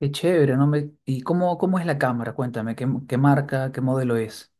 Qué chévere, ¿no? ¿Y cómo es la cámara? Cuéntame, ¿qué marca, qué modelo es?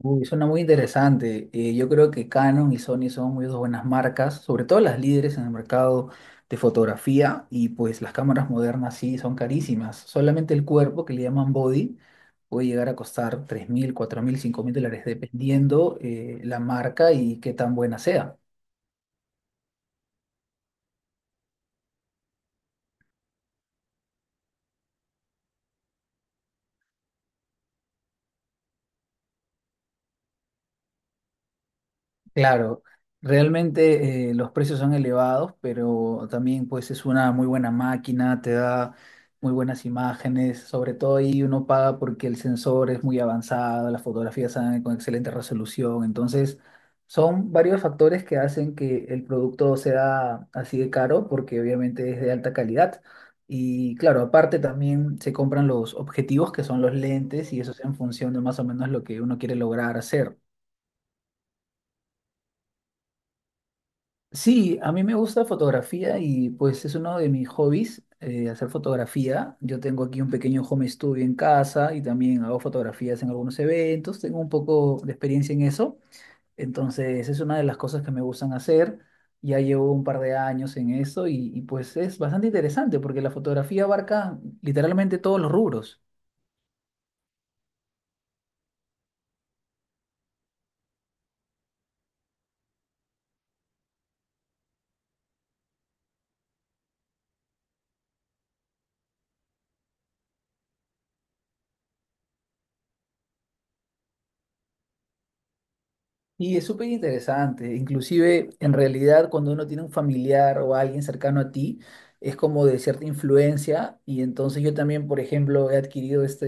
Uy, suena muy interesante. Yo creo que Canon y Sony son muy dos buenas marcas, sobre todo las líderes en el mercado de fotografía y pues las cámaras modernas sí son carísimas. Solamente el cuerpo, que le llaman body, puede llegar a costar tres mil, cuatro mil, cinco mil dólares dependiendo la marca y qué tan buena sea. Claro, realmente los precios son elevados, pero también pues es una muy buena máquina, te da muy buenas imágenes, sobre todo ahí uno paga porque el sensor es muy avanzado, las fotografías salen con excelente resolución, entonces son varios factores que hacen que el producto sea así de caro porque obviamente es de alta calidad. Y claro, aparte también se compran los objetivos que son los lentes y eso es en función de más o menos lo que uno quiere lograr hacer. Sí, a mí me gusta fotografía y pues es uno de mis hobbies, hacer fotografía. Yo tengo aquí un pequeño home studio en casa y también hago fotografías en algunos eventos, tengo un poco de experiencia en eso. Entonces es una de las cosas que me gustan hacer. Ya llevo un par de años en eso y pues es bastante interesante porque la fotografía abarca literalmente todos los rubros. Y es súper interesante, inclusive en realidad cuando uno tiene un familiar o alguien cercano a ti, es como de cierta influencia y entonces yo también, por ejemplo, he adquirido esta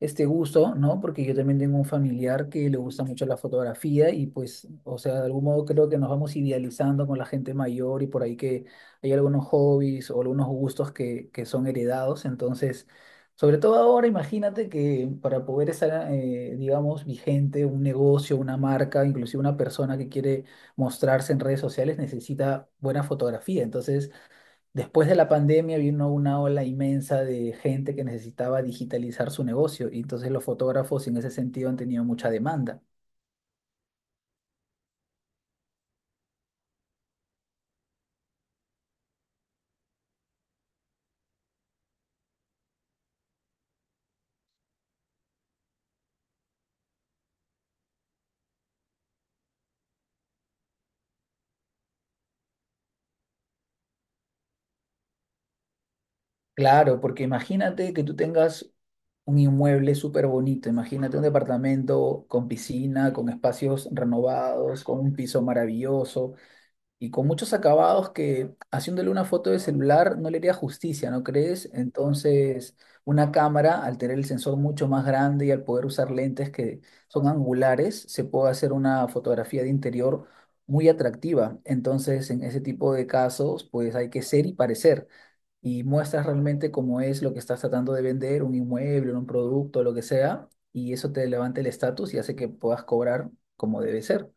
este gusto, ¿no? Porque yo también tengo un familiar que le gusta mucho la fotografía y pues, o sea, de algún modo creo que nos vamos idealizando con la gente mayor y por ahí que hay algunos hobbies o algunos gustos que son heredados. Entonces, sobre todo ahora, imagínate que para poder estar, digamos, vigente un negocio, una marca, inclusive una persona que quiere mostrarse en redes sociales necesita buena fotografía. Entonces, después de la pandemia vino una ola inmensa de gente que necesitaba digitalizar su negocio y entonces los fotógrafos en ese sentido han tenido mucha demanda. Claro, porque imagínate que tú tengas un inmueble súper bonito, imagínate un departamento con piscina, con espacios renovados, con un piso maravilloso, y con muchos acabados que haciéndole una foto de celular no le haría justicia, ¿no crees? Entonces, una cámara, al tener el sensor mucho más grande y al poder usar lentes que son angulares, se puede hacer una fotografía de interior muy atractiva. Entonces, en ese tipo de casos, pues hay que ser y parecer. Y muestras realmente cómo es lo que estás tratando de vender, un inmueble, un producto, lo que sea, y eso te levanta el estatus y hace que puedas cobrar como debe ser.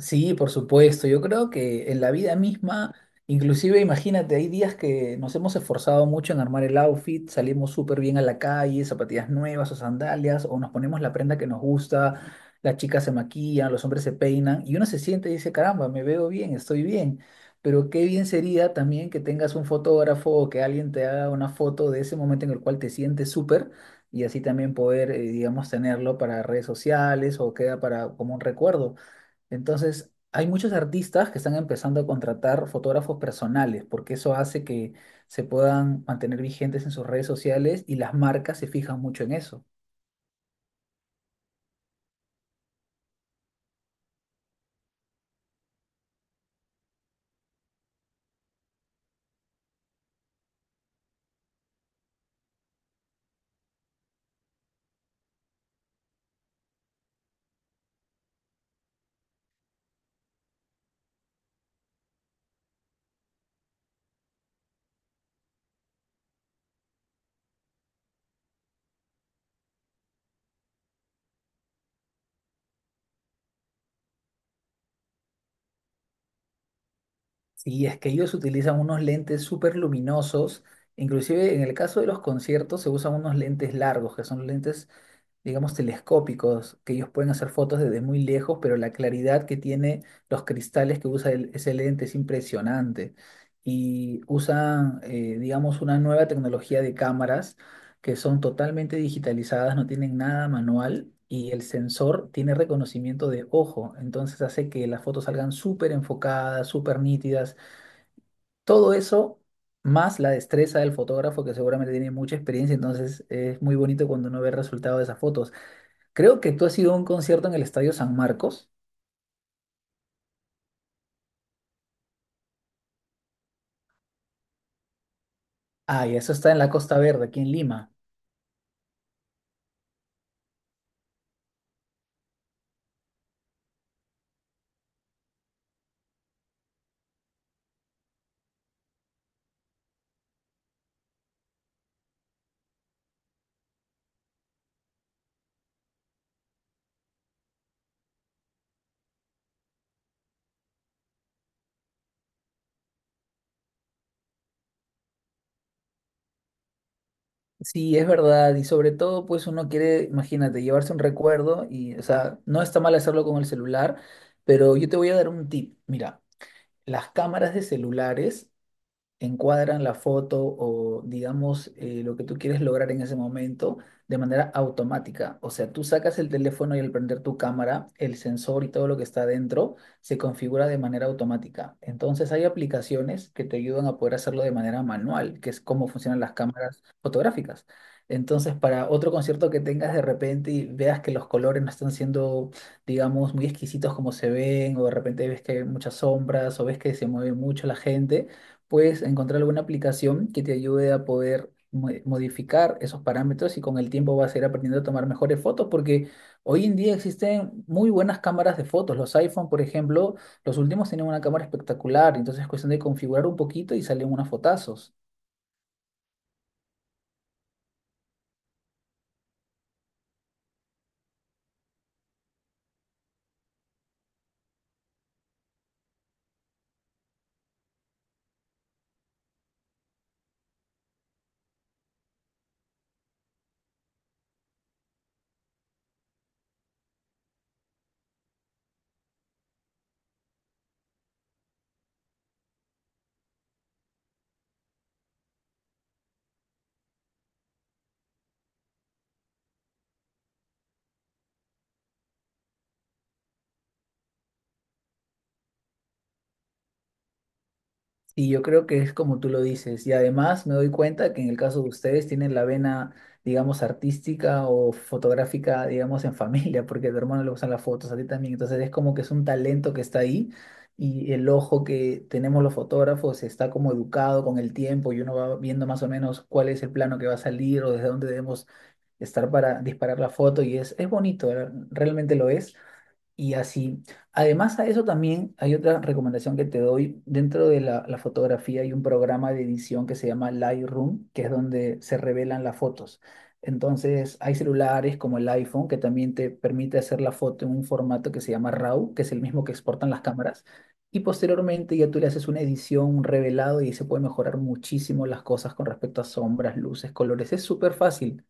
Sí, por supuesto. Yo creo que en la vida misma, inclusive imagínate, hay días que nos hemos esforzado mucho en armar el outfit, salimos súper bien a la calle, zapatillas nuevas o sandalias, o nos ponemos la prenda que nos gusta, las chicas se maquillan, los hombres se peinan, y uno se siente y dice, caramba, me veo bien, estoy bien. Pero qué bien sería también que tengas un fotógrafo o que alguien te haga una foto de ese momento en el cual te sientes súper. Y así también poder, digamos, tenerlo para redes sociales o queda para como un recuerdo. Entonces, hay muchos artistas que están empezando a contratar fotógrafos personales, porque eso hace que se puedan mantener vigentes en sus redes sociales y las marcas se fijan mucho en eso. Sí, es que ellos utilizan unos lentes súper luminosos, inclusive en el caso de los conciertos se usan unos lentes largos, que son lentes, digamos, telescópicos, que ellos pueden hacer fotos desde muy lejos, pero la claridad que tiene los cristales que usa ese lente es impresionante. Y usan, digamos, una nueva tecnología de cámaras que son totalmente digitalizadas, no tienen nada manual. Y el sensor tiene reconocimiento de ojo, entonces hace que las fotos salgan súper enfocadas, súper nítidas todo eso, más la destreza del fotógrafo, que seguramente tiene mucha experiencia, entonces es muy bonito cuando uno ve el resultado de esas fotos. Creo que tú has ido a un concierto en el Estadio San Marcos. Ah, y eso está en la Costa Verde, aquí en Lima. Sí, es verdad, y sobre todo, pues uno quiere, imagínate, llevarse un recuerdo y, o sea, no está mal hacerlo con el celular, pero yo te voy a dar un tip. Mira, las cámaras de celulares encuadran la foto o digamos lo que tú quieres lograr en ese momento de manera automática. O sea, tú sacas el teléfono y al prender tu cámara, el sensor y todo lo que está dentro se configura de manera automática. Entonces hay aplicaciones que te ayudan a poder hacerlo de manera manual, que es cómo funcionan las cámaras fotográficas. Entonces, para otro concierto que tengas de repente y veas que los colores no están siendo, digamos, muy exquisitos como se ven, o de repente ves que hay muchas sombras, o ves que se mueve mucho la gente, puedes encontrar alguna aplicación que te ayude a poder modificar esos parámetros y con el tiempo vas a ir aprendiendo a tomar mejores fotos porque hoy en día existen muy buenas cámaras de fotos. Los iPhone, por ejemplo, los últimos tienen una cámara espectacular, entonces es cuestión de configurar un poquito y salen unos fotazos. Y yo creo que es como tú lo dices. Y además me doy cuenta que en el caso de ustedes tienen la vena, digamos, artística o fotográfica, digamos, en familia, porque a tu hermano le gustan las fotos, a ti también. Entonces es como que es un talento que está ahí y el ojo que tenemos los fotógrafos está como educado con el tiempo y uno va viendo más o menos cuál es el plano que va a salir o desde dónde debemos estar para disparar la foto y es bonito, realmente lo es. Y así, además a eso también hay otra recomendación que te doy. Dentro de la fotografía hay un programa de edición que se llama Lightroom, que es donde se revelan las fotos. Entonces hay celulares como el iPhone que también te permite hacer la foto en un formato que se llama RAW, que es el mismo que exportan las cámaras. Y posteriormente ya tú le haces una edición, un revelado y se puede mejorar muchísimo las cosas con respecto a sombras, luces, colores. Es súper fácil.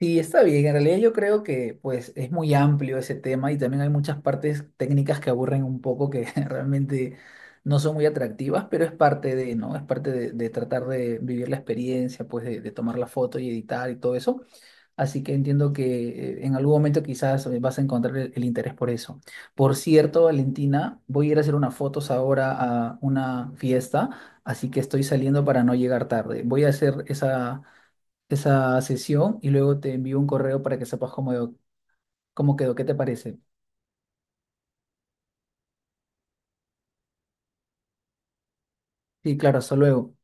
Sí, está bien. En realidad yo creo que pues es muy amplio ese tema y también hay muchas partes técnicas que aburren un poco que realmente no son muy atractivas, pero es parte de, ¿no? Es parte de tratar de vivir la experiencia, pues de tomar la foto y editar y todo eso. Así que entiendo que en algún momento quizás vas a encontrar el interés por eso. Por cierto, Valentina, voy a ir a hacer unas fotos ahora a una fiesta, así que estoy saliendo para no llegar tarde. Voy a hacer esa sesión y luego te envío un correo para que sepas cómo, quedó, qué te parece. Sí, claro, hasta luego.